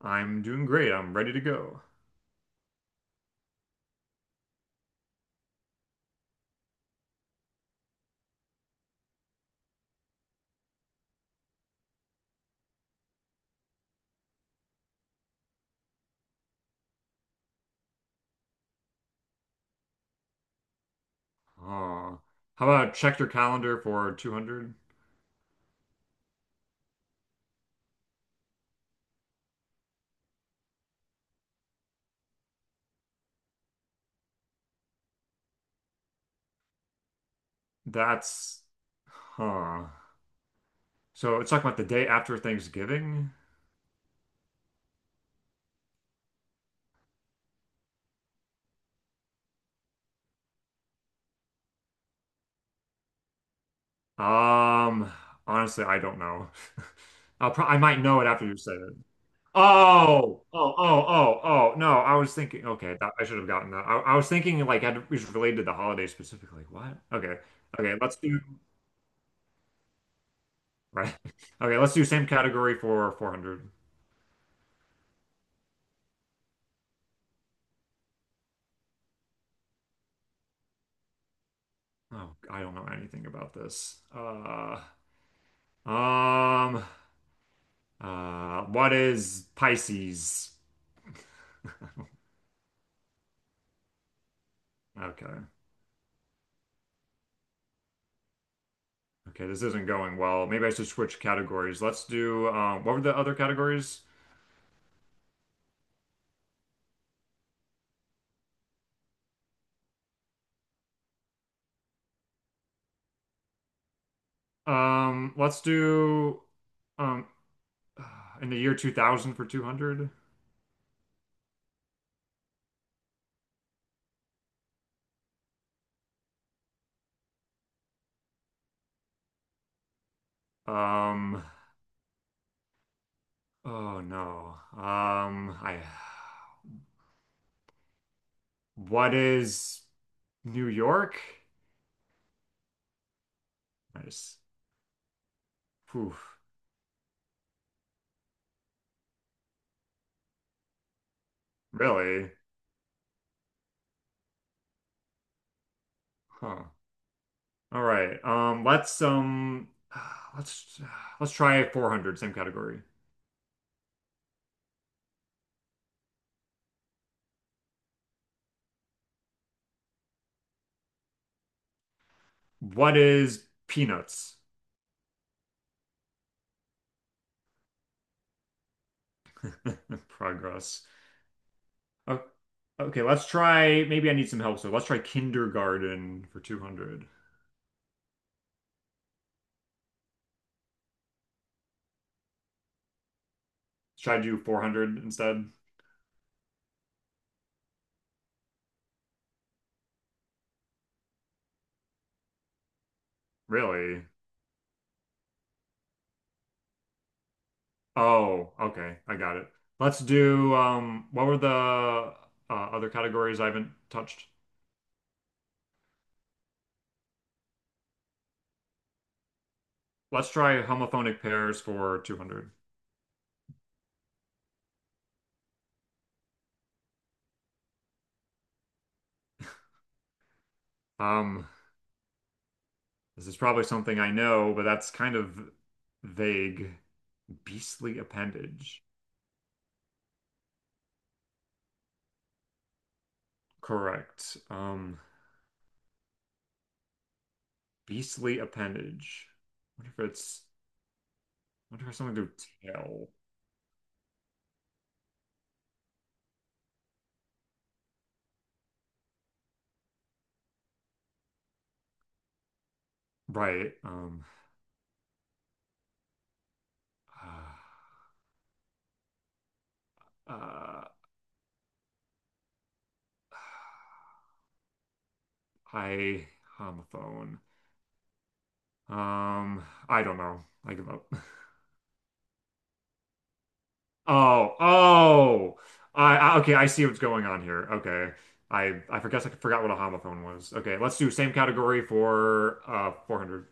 I'm doing great. I'm ready to go. Uh, how about check your calendar for 200? That's, huh. So it's talking about the day after Thanksgiving. Um, Honestly, I don't know. I might know it after you say it. Oh, oh, oh, oh, oh. No, I was thinking. Okay, I should have gotten that. I was thinking like it was related to the holiday specifically. What? Okay, okay. Let's do right. Okay, let's do same category for 400. Oh, I don't know anything about this. Um, what is Pisces? Okay. Okay, this isn't going well. Maybe I should switch categories. Let's do, what were the other categories? Let's do, um, in the year 2000 for 200. Um, oh no. What is New York? Nice. Poof. Really? Huh. All right. Let's let's let's try 400, same category. What is peanuts? Progress. Oh, okay, let's try, maybe I need some help, so let's try kindergarten for 200. Should I do 400 instead? Really? Oh, okay. I got it. Let's do what were the other categories I haven't touched? Let's try homophonic pairs for 200. Um This is probably something I know, but that's kind of vague. Beastly appendage. Correct. Beastly appendage. Wonder if it's Wonder if it's something to do with tail. Right. Uh, uh I Homophone. Um I don't know. I give up. Oh, oh. I Okay, I see what's going on here. Okay. I forgot what a homophone was. Okay, let's do same category for 400.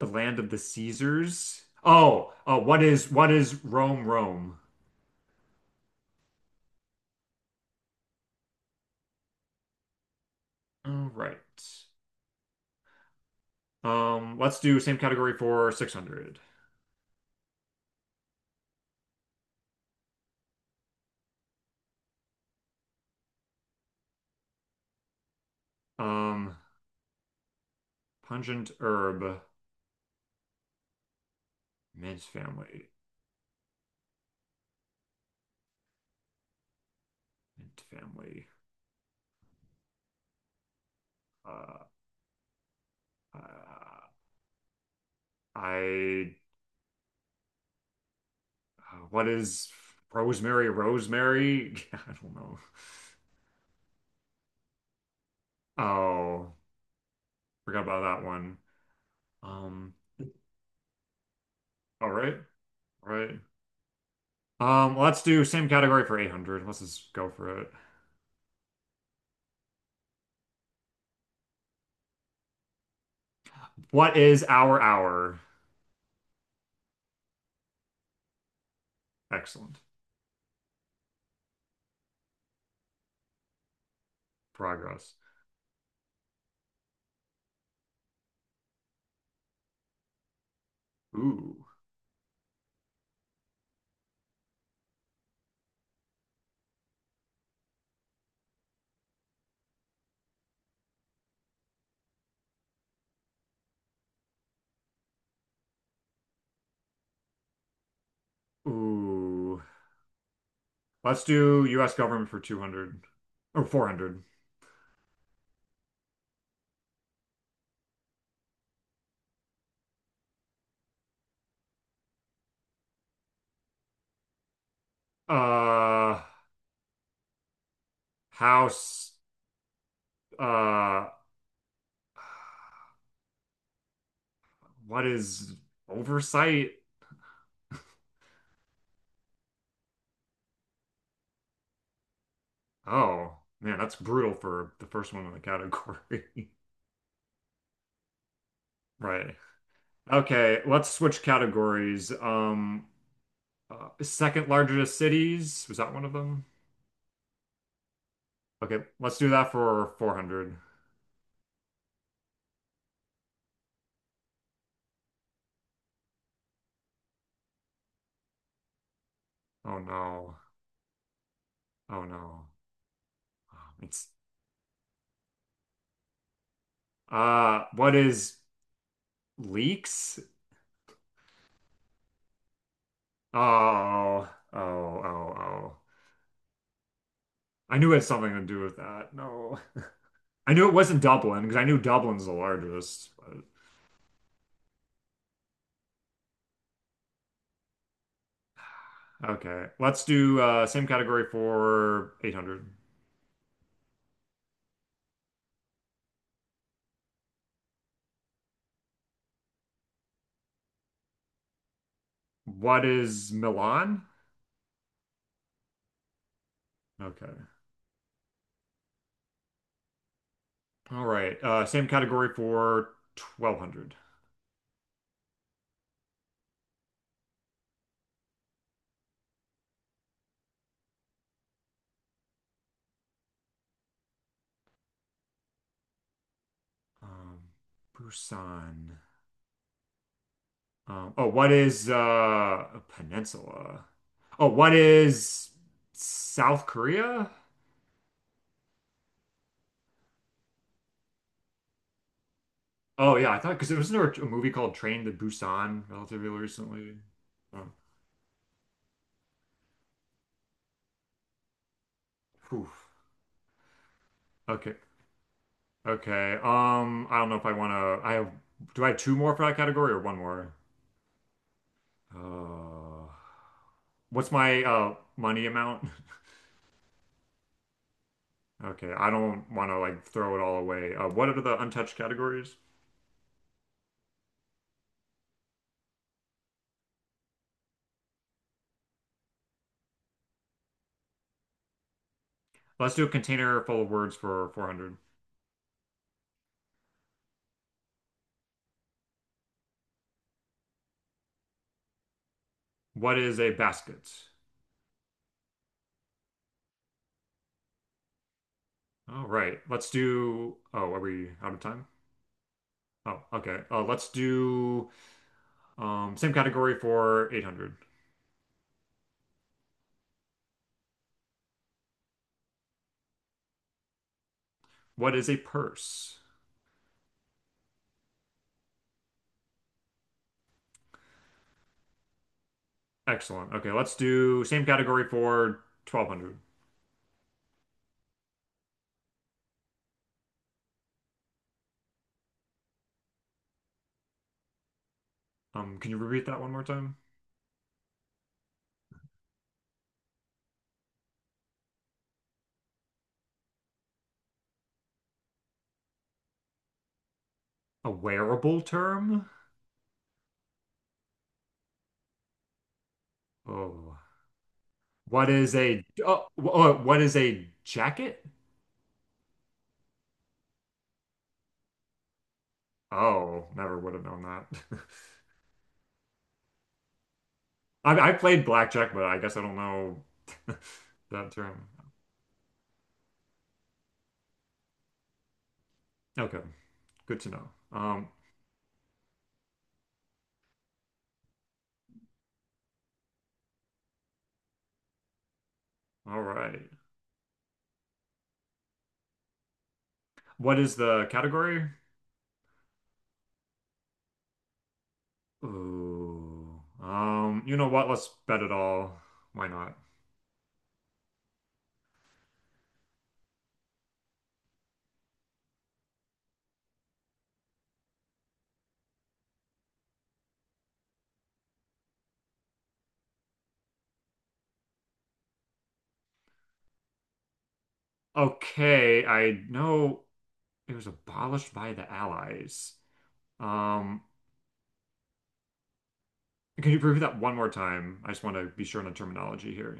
The land of the Caesars. Oh, oh! What is Rome, Rome? All right. Let's do same category for 600. Um, Pungent herb, mint family, mint family. Uh, uh, I What is rosemary, rosemary? I don't know. Oh, Forgot about that one. Um, all right, all right. Let's do same category for 800. Let's just go for it. What is our hour? Excellent. Progress. Ooh. Ooh. Let's do US government for 200 or 400. Uh, House. Uh, what is oversight? Oh, man, that's brutal for the first one in the category. Right. Okay, let's switch categories. Second largest cities, was that one of them? Okay, let's do that for 400. Oh no. Oh no. It's what is leaks? Oh, oh, oh, oh. I knew it had something to do with that. No. I knew it wasn't Dublin because I knew Dublin's the largest. But okay. Let's do same category for 800. What is Milan? Okay. All right. Same category for 1200. Um Busan. Oh, what is a peninsula? Oh, what is South Korea? Oh yeah, I thought because there was another a movie called Train to Busan relatively recently. Oh, whew. Okay, okay. I don't know if I want to. I have. Do I have two more for that category or one more? Uh, what's my money amount? Okay, I don't want to like throw it all away. What are the untouched categories? Let's do a container full of words for 400. What is a basket? All right. Let's do. Oh, are we out of time? Oh, okay. Let's do same category for 800. What is a purse? Excellent. Okay, let's do same category for 1200. Can you repeat that one more time? A wearable term? Oh, what is a what is a jacket? Oh, never would have known that. I played blackjack, but I guess I don't know that term. Okay, good to know. All right. What is the category? Ooh. You know what? Let's bet it all. Why not? Okay, I know it was abolished by the Allies. Um, can you repeat that one more time? I just want to be sure on the terminology here.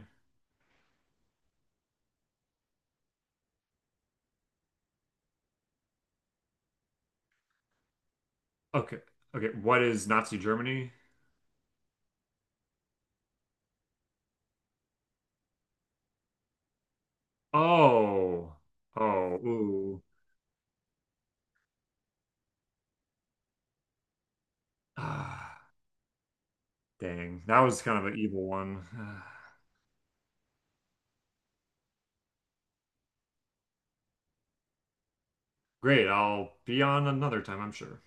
Okay. Okay, what is Nazi Germany? Oh. Oh, ooh. Ah, dang. That was kind of an evil one. Ah. Great, I'll be on another time, I'm sure.